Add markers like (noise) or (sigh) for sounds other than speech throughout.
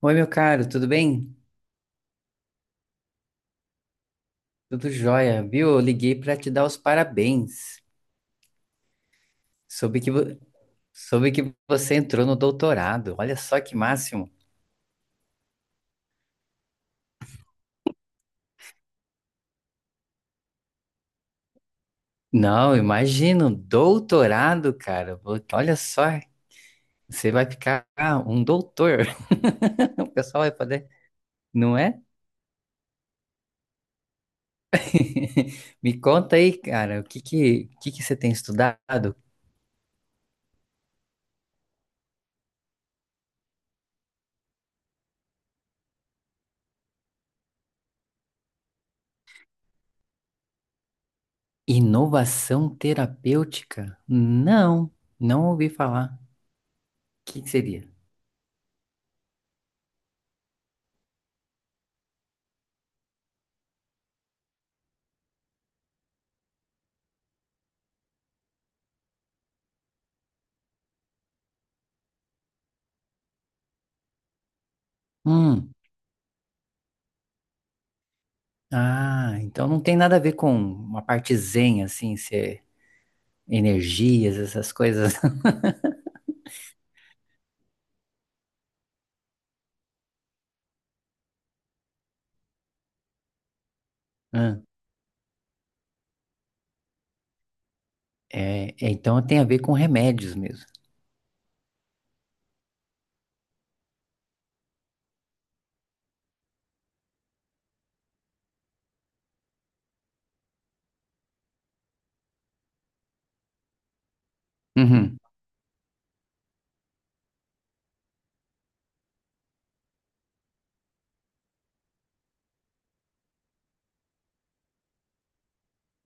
Oi, meu caro, tudo bem? Tudo jóia, viu? Eu liguei para te dar os parabéns. Soube que, vo- soube que você entrou no doutorado. Olha só que máximo. Não, imagino, doutorado, cara. Olha só, você vai ficar um doutor. (laughs) O pessoal vai poder, não é? (laughs) Me conta aí, cara, o que que você tem estudado? Inovação terapêutica? Não, não ouvi falar. O que que seria? Hum. Ah, então não tem nada a ver com uma parte zen, assim, ser energias, essas coisas. (laughs) Ah, É, então tem a ver com remédios mesmo. Uhum,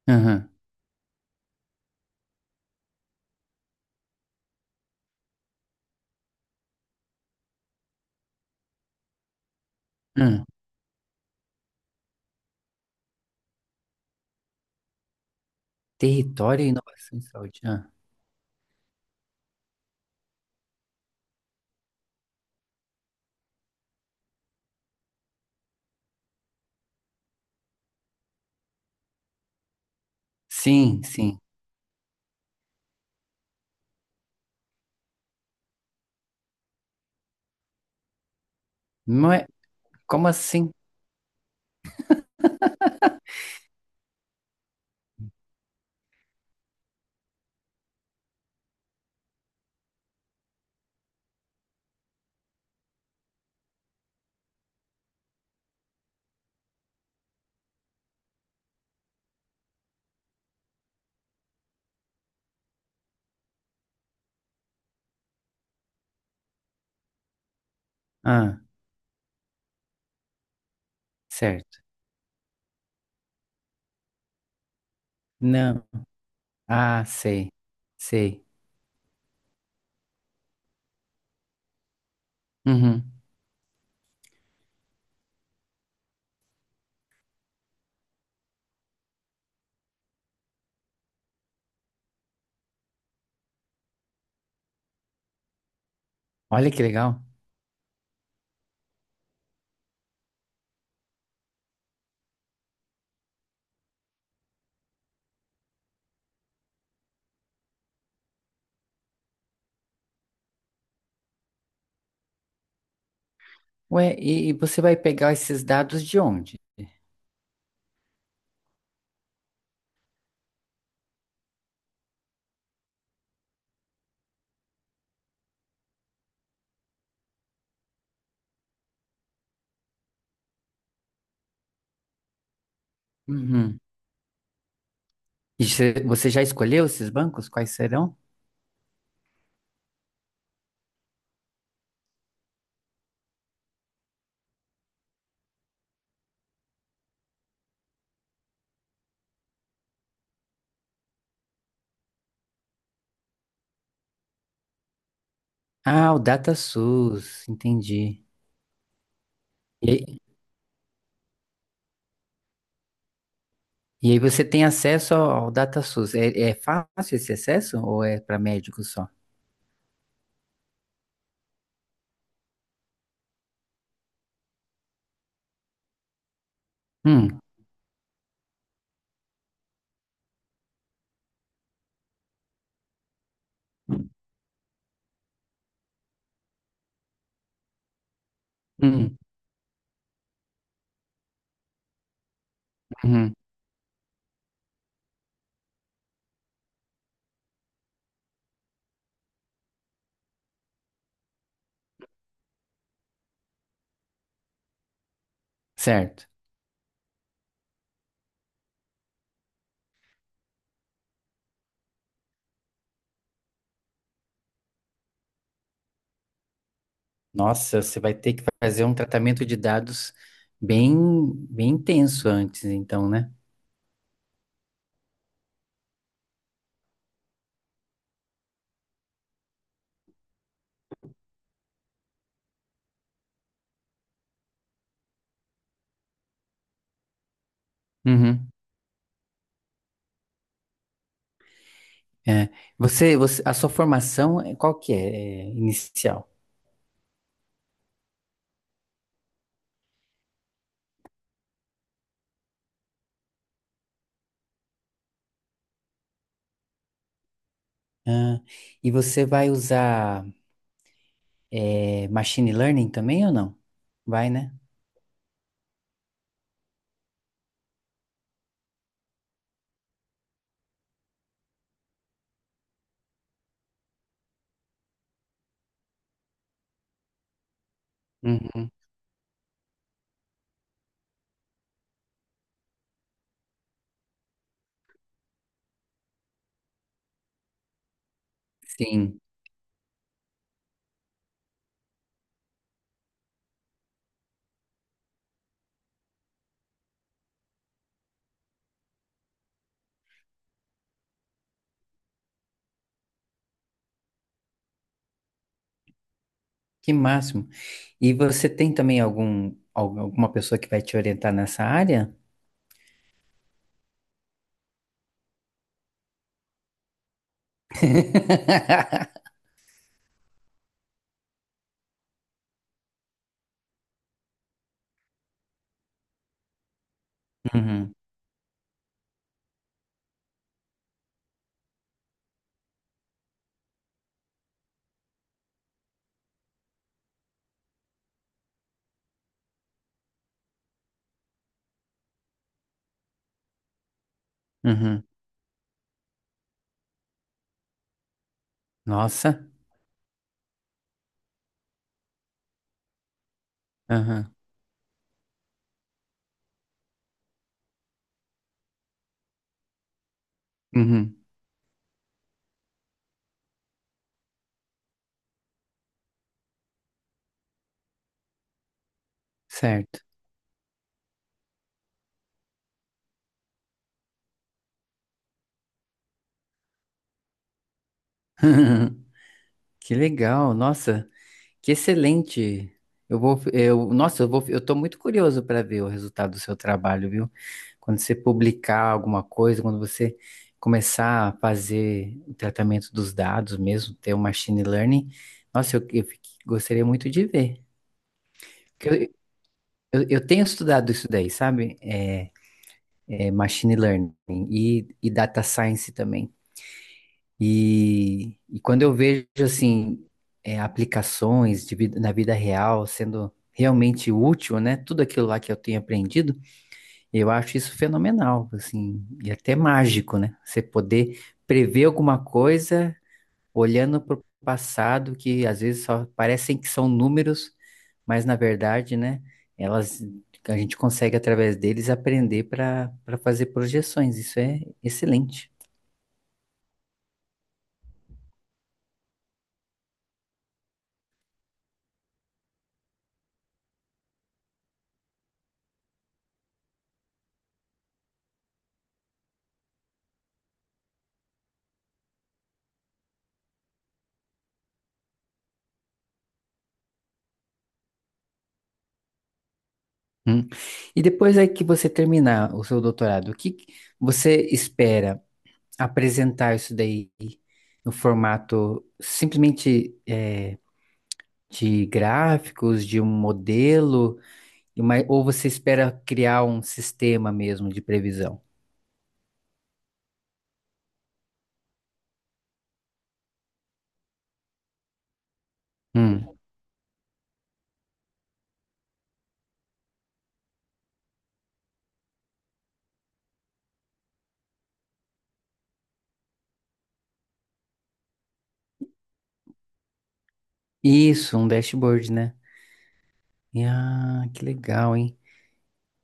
uhum, uhum. Território e inovação em saúde. Ah, sim, sim. Não é, como assim? Ah, certo. Não. Ah, sei, sei. Uhum. Olha que legal. Ué, e você vai pegar esses dados de onde? Uhum. E você já escolheu esses bancos? Quais serão? Ah, o DataSUS, entendi. E, aí e aí você tem acesso ao DataSUS. É, fácil esse acesso ou é para médicos só? Hum, hum, uhum, certo. Nossa, você vai ter que fazer um tratamento de dados bem, bem intenso antes, então, né? Uhum. É. Você, a sua formação, qual que é, inicial? Ah, e você vai usar machine learning também ou não? Vai, né? Uhum. Sim. Que máximo. E você tem também alguma pessoa que vai te orientar nessa área? (laughs) Uhum, uhum. Nossa. Aham, uhum. Certo. (laughs) Que legal. Nossa, que excelente. Nossa, eu tô muito curioso para ver o resultado do seu trabalho, viu? Quando você publicar alguma coisa, quando você começar a fazer o tratamento dos dados mesmo, ter o machine learning, nossa, eu gostaria muito de ver. Porque eu tenho estudado isso daí, sabe? É machine learning e data science também. E quando eu vejo, assim, aplicações na vida real sendo realmente útil, né? Tudo aquilo lá que eu tenho aprendido, eu acho isso fenomenal, assim, e até mágico, né? Você poder prever alguma coisa olhando para o passado, que às vezes só parecem que são números, mas na verdade, né, elas, a gente consegue através deles aprender para fazer projeções. Isso é excelente. Hum. E depois aí que você terminar o seu doutorado, o que que você espera apresentar isso daí no formato simplesmente de gráficos, de um modelo, ou você espera criar um sistema mesmo de previsão? Isso, um dashboard, né? E, ah, que legal, hein?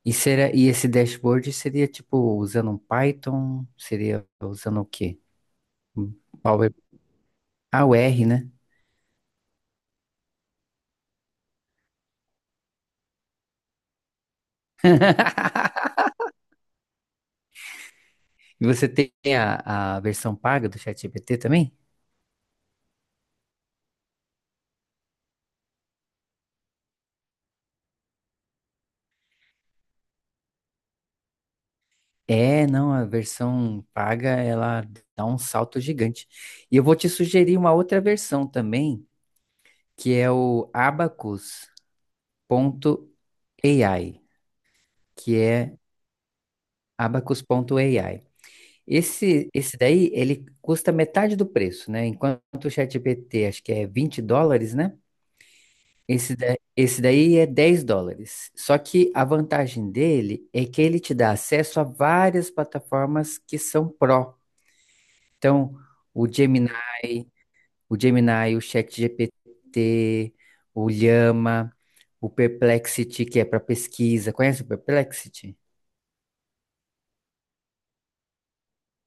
E, será, e esse dashboard seria tipo usando um Python? Seria usando o quê? Um Power. Ah, o R, né? (laughs) E você tem a versão paga do ChatGPT também? É, não, a versão paga ela dá um salto gigante. E eu vou te sugerir uma outra versão também, que é o abacus.ai, que é abacus.ai. Esse daí, ele custa metade do preço, né? Enquanto o ChatGPT, acho que é $20, né? Esse daí é $10. Só que a vantagem dele é que ele te dá acesso a várias plataformas que são pró. Então, o Gemini, o Gemini, o ChatGPT, o Llama, o Perplexity, que é para pesquisa. Conhece o Perplexity?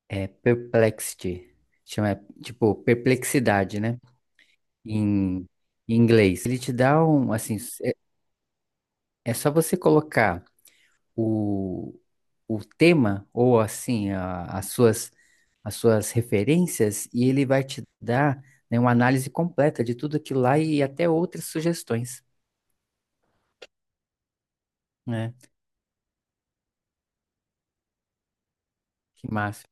É Perplexity. Chama, tipo, perplexidade, né? em em inglês. Ele te dá um, assim, é, é só você colocar o, o tema ou assim as suas referências e ele vai te dar, né, uma análise completa de tudo aquilo lá e até outras sugestões, né? Que massa.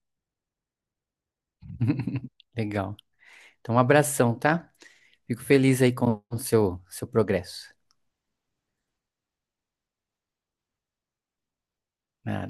(laughs) Legal. Então, um abração, tá? Fico feliz aí com o seu progresso. Ah,